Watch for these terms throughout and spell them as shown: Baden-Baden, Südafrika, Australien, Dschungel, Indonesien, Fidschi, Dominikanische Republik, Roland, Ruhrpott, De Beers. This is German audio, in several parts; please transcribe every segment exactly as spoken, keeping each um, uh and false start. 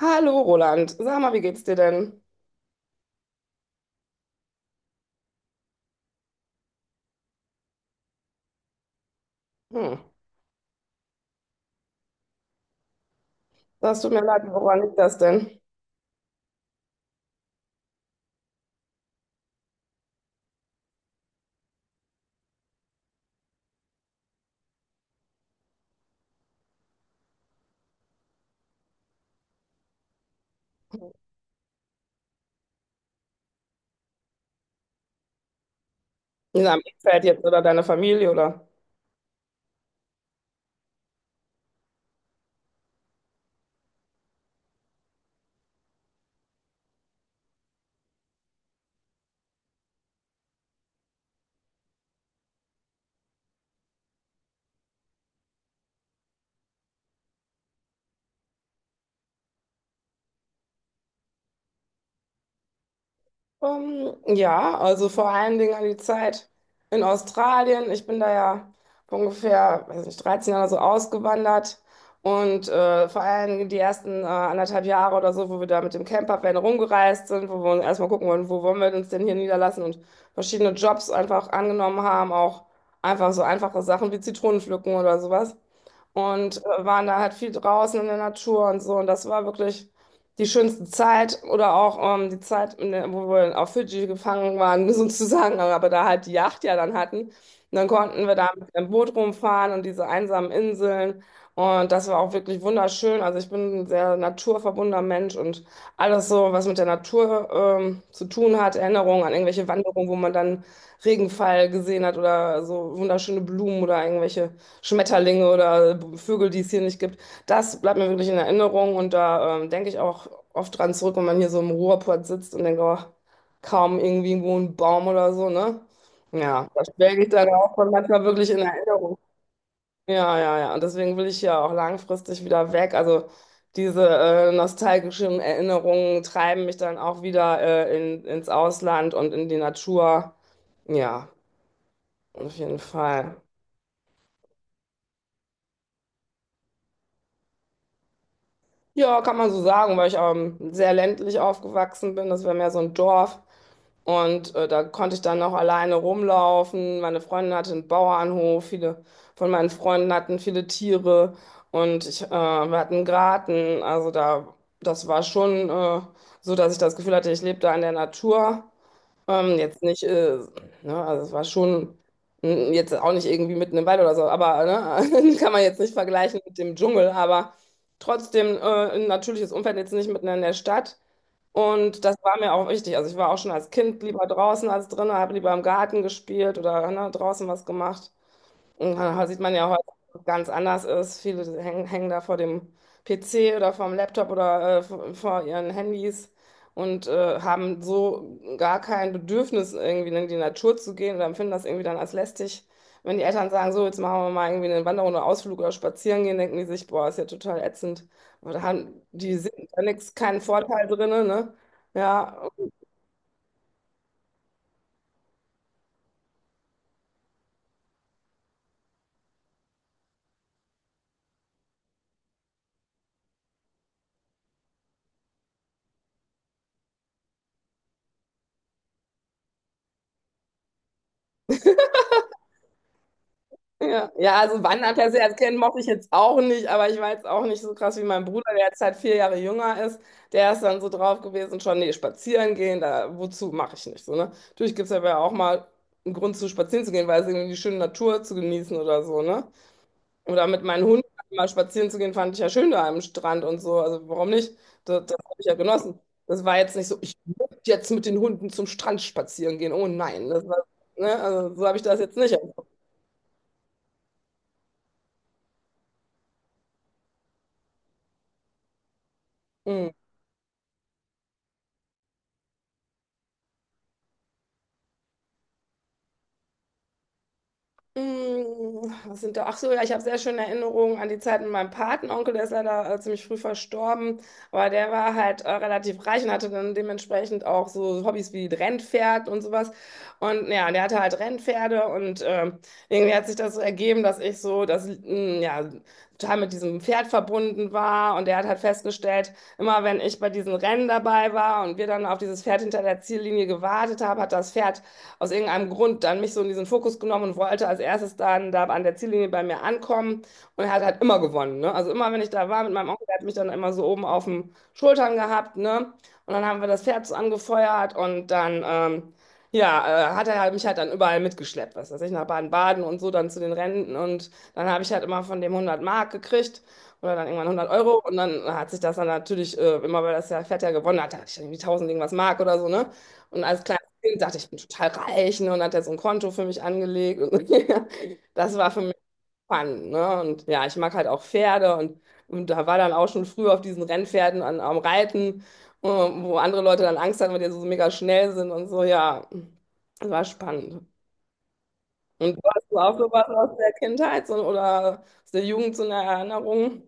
Hallo Roland, sag mal, wie geht's dir denn? Hm. Das tut mir leid, woran liegt das denn? In deinem Umfeld jetzt oder deiner Familie oder? Ähm, ja, also vor allen Dingen an die Zeit in Australien. Ich bin da ja vor ungefähr, weiß nicht, dreizehn Jahre so ausgewandert und äh, vor allen Dingen die ersten äh, anderthalb Jahre oder so, wo wir da mit dem Campervan rumgereist sind, wo wir uns erstmal gucken wollen, wo wollen wir uns denn hier niederlassen und verschiedene Jobs einfach angenommen haben, auch einfach so einfache Sachen wie Zitronen pflücken oder sowas. und äh, waren da halt viel draußen in der Natur und so. Und das war wirklich die schönste Zeit oder auch ähm, die Zeit, in der, wo wir auf Fidschi gefangen waren, sozusagen, aber da halt die Yacht ja dann hatten. Und dann konnten wir da mit dem Boot rumfahren und diese einsamen Inseln. Und das war auch wirklich wunderschön. Also ich bin ein sehr naturverbundener Mensch und alles so, was mit der Natur ähm, zu tun hat, Erinnerungen an irgendwelche Wanderungen, wo man dann Regenfall gesehen hat oder so wunderschöne Blumen oder irgendwelche Schmetterlinge oder Vögel, die es hier nicht gibt. Das bleibt mir wirklich in Erinnerung und da ähm, denke ich auch oft dran zurück, wenn man hier so im Ruhrpott sitzt und denkt, oh, kaum irgendwie irgendwo ein Baum oder so, ne? Ja, das schwelge ich dann auch von manchmal wirklich in Erinnerung. Ja, ja, ja. Und deswegen will ich ja auch langfristig wieder weg. Also diese äh, nostalgischen Erinnerungen treiben mich dann auch wieder äh, in, ins Ausland und in die Natur. Ja, auf jeden Fall. Ja, kann man so sagen, weil ich ähm, sehr ländlich aufgewachsen bin. Das war mehr so ein Dorf. Und äh, da konnte ich dann auch alleine rumlaufen. Meine Freundin hatte einen Bauernhof. Viele von meinen Freunden hatten viele Tiere. Und ich, äh, wir hatten einen Garten. Also da, das war schon äh, so, dass ich das Gefühl hatte, ich lebe da in der Natur. Ähm, jetzt nicht, äh, ne, also es war schon mm, jetzt auch nicht irgendwie mitten im Wald oder so, aber ne, kann man jetzt nicht vergleichen mit dem Dschungel, aber trotzdem äh, ein natürliches Umfeld jetzt nicht mitten in der Stadt. Und das war mir auch wichtig. Also ich war auch schon als Kind lieber draußen als drinnen, habe lieber im Garten gespielt oder ne, draußen was gemacht. Und da sieht man ja heute, dass es ganz anders ist. Viele hängen, hängen da vor dem P C oder vom Laptop oder äh, vor vor ihren Handys und äh, haben so gar kein Bedürfnis, irgendwie in die Natur zu gehen oder empfinden das irgendwie dann als lästig. Wenn die Eltern sagen, so, jetzt machen wir mal irgendwie eine Wanderung oder Ausflug oder spazieren gehen, denken die sich, boah, ist ja total ätzend. Aber da haben die sehen da nichts, keinen Vorteil drin, ne? Ja, ja, ja, also Wandern per se als Kind mochte ich jetzt auch nicht, aber ich war jetzt auch nicht so krass wie mein Bruder, der jetzt halt vier Jahre jünger ist. Der ist dann so drauf gewesen, schon, nee, spazieren gehen, da, wozu mache ich nicht so, ne? Natürlich gibt es aber auch mal einen Grund zu spazieren zu gehen, weil es irgendwie die schöne Natur zu genießen oder so, ne? Oder mit meinen Hunden mal spazieren zu gehen, fand ich ja schön da am Strand und so, also warum nicht? Das, das habe ich ja genossen. Das war jetzt nicht so, ich muss jetzt mit den Hunden zum Strand spazieren gehen, oh nein, das war, ne? Also so habe ich das jetzt nicht. Mm, Was sind da? Ach so, ja, ich habe sehr schöne Erinnerungen an die Zeit mit meinem Patenonkel, der ist leider äh, ziemlich früh verstorben, aber der war halt äh, relativ reich und hatte dann dementsprechend auch so Hobbys wie Rennpferd und sowas. Und ja, der hatte halt Rennpferde und ähm, irgendwie hat sich das so ergeben, dass ich so das, mm, ja, total mit diesem Pferd verbunden war. Und er hat halt festgestellt, immer wenn ich bei diesen Rennen dabei war und wir dann auf dieses Pferd hinter der Ziellinie gewartet haben, hat das Pferd aus irgendeinem Grund dann mich so in diesen Fokus genommen und wollte als erstes dann da an der Ziellinie bei mir ankommen. Und er hat halt immer gewonnen, ne? Also immer, wenn ich da war mit meinem Onkel, der hat mich dann immer so oben auf den Schultern gehabt, ne? Und dann haben wir das Pferd so angefeuert und dann, Ähm, ja, äh, hat er halt mich halt dann überall mitgeschleppt, was weiß ich, nach Baden-Baden und so dann zu den Rennen und dann habe ich halt immer von dem hundert Mark gekriegt oder dann irgendwann hundert Euro und dann hat sich das dann natürlich äh, immer, weil das ja Fett ja gewonnen hat, da hatte ich irgendwie tausend irgendwas Mark oder so, ne? Und als kleines Kind dachte ich, ich bin total reich, ne? Und hat er so ein Konto für mich angelegt und das war für mich Fun, ne? Und ja, ich mag halt auch Pferde und, und da war dann auch schon früh auf diesen Rennpferden an, am Reiten, äh, wo andere Leute dann Angst hatten, weil die so mega schnell sind und so, ja, das war spannend. Und du hast du auch sowas aus der Kindheit so, oder aus der Jugend so eine Erinnerung?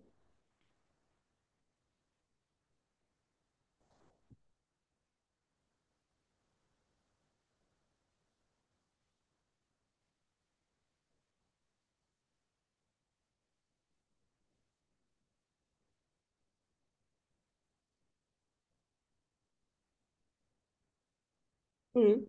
Mhm.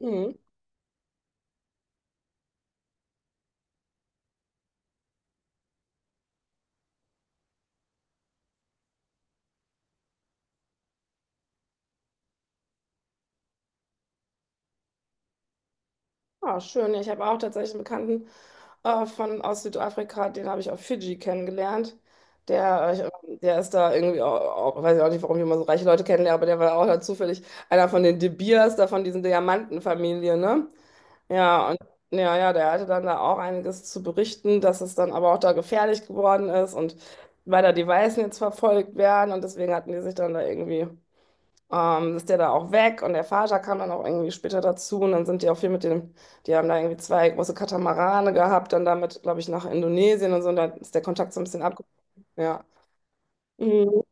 Mhm. Ah, schön. Ja, ich habe auch tatsächlich einen Bekannten äh, von, aus Südafrika, den habe ich auf Fidschi kennengelernt. Der, äh, ich- der ist da irgendwie, auch, auch, weiß ich auch nicht, warum ich immer so reiche Leute kennenlerne, aber der war auch da zufällig einer von den De Beers, da von diesen Diamantenfamilien, ne? Ja, und ja, ja, der hatte dann da auch einiges zu berichten, dass es dann aber auch da gefährlich geworden ist und weil da die Weißen jetzt verfolgt werden und deswegen hatten die sich dann da irgendwie, ähm, ist der da auch weg und der Vater kam dann auch irgendwie später dazu und dann sind die auch viel mit dem, die haben da irgendwie zwei große Katamarane gehabt, dann damit, glaube ich, nach Indonesien und so und da ist der Kontakt so ein bisschen abgebrochen, ja. Mhm.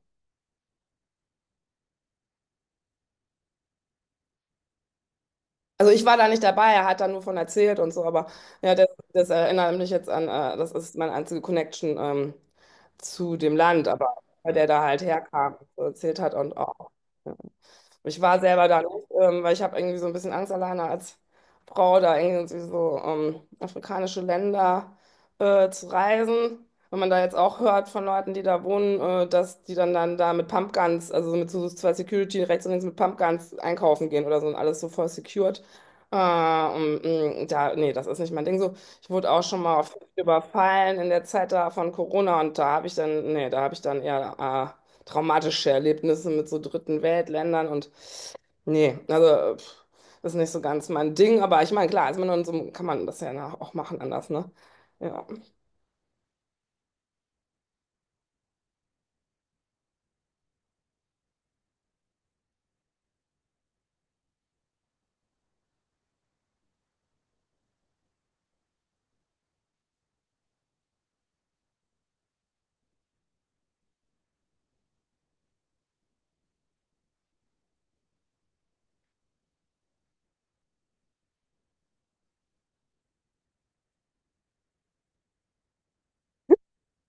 Also ich war da nicht dabei, er hat da nur von erzählt und so, aber ja, das, das erinnert mich jetzt an, äh, das ist meine einzige Connection ähm, zu dem Land, aber weil der da halt herkam, so erzählt hat und auch. Ich war selber da nicht, ähm, weil ich habe irgendwie so ein bisschen Angst alleine als Frau da irgendwie so ähm, afrikanische Länder äh, zu reisen. Wenn man da jetzt auch hört von Leuten, die da wohnen, äh, dass die dann, dann da mit Pumpguns, also so mit so zwei Security rechts und links mit Pumpguns einkaufen gehen oder so und alles so voll secured. Äh, und, mh, da, nee, das ist nicht mein Ding so. Ich wurde auch schon mal oft überfallen in der Zeit da von Corona und da habe ich dann, nee, da habe ich dann eher äh, traumatische Erlebnisse mit so dritten Weltländern und nee, also pff, das ist nicht so ganz mein Ding, aber ich meine, klar, ist man in so, einem- kann man das ja nach- auch machen anders, ne? Ja.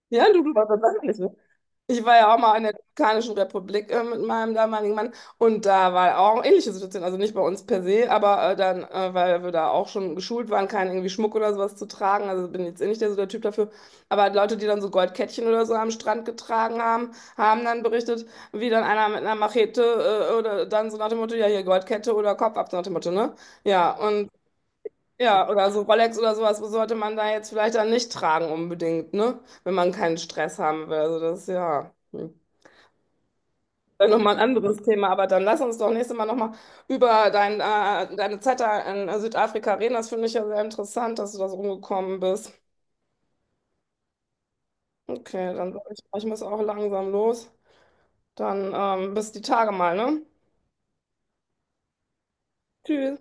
Ja, du, du warst das eigentlich. Ich war ja auch mal in der Dominikanischen Republik äh, mit meinem damaligen Mann und da war auch eine ähnliche Situation, also nicht bei uns per se, aber äh, dann, äh, weil wir da auch schon geschult waren, keinen irgendwie Schmuck oder sowas zu tragen, also bin jetzt eh nicht der, so der Typ dafür, aber halt Leute, die dann so Goldkettchen oder so am Strand getragen haben, haben dann berichtet, wie dann einer mit einer Machete äh, oder dann so nach dem Motto, ja hier Goldkette oder Kopf ab, so nach dem Motto, ne? Ja, und ja, oder so Rolex oder sowas sollte man da jetzt vielleicht dann nicht tragen unbedingt, ne? Wenn man keinen Stress haben will, also das, ja. Hm. Dann nochmal ein anderes Thema, aber dann lass uns doch nächstes Mal nochmal über dein, äh, deine Zeit da in äh, Südafrika reden. Das finde ich ja sehr interessant, dass du da so rumgekommen bist. Okay, dann sag ich, ich muss auch langsam los. Dann ähm, bis die Tage mal, ne? Tschüss.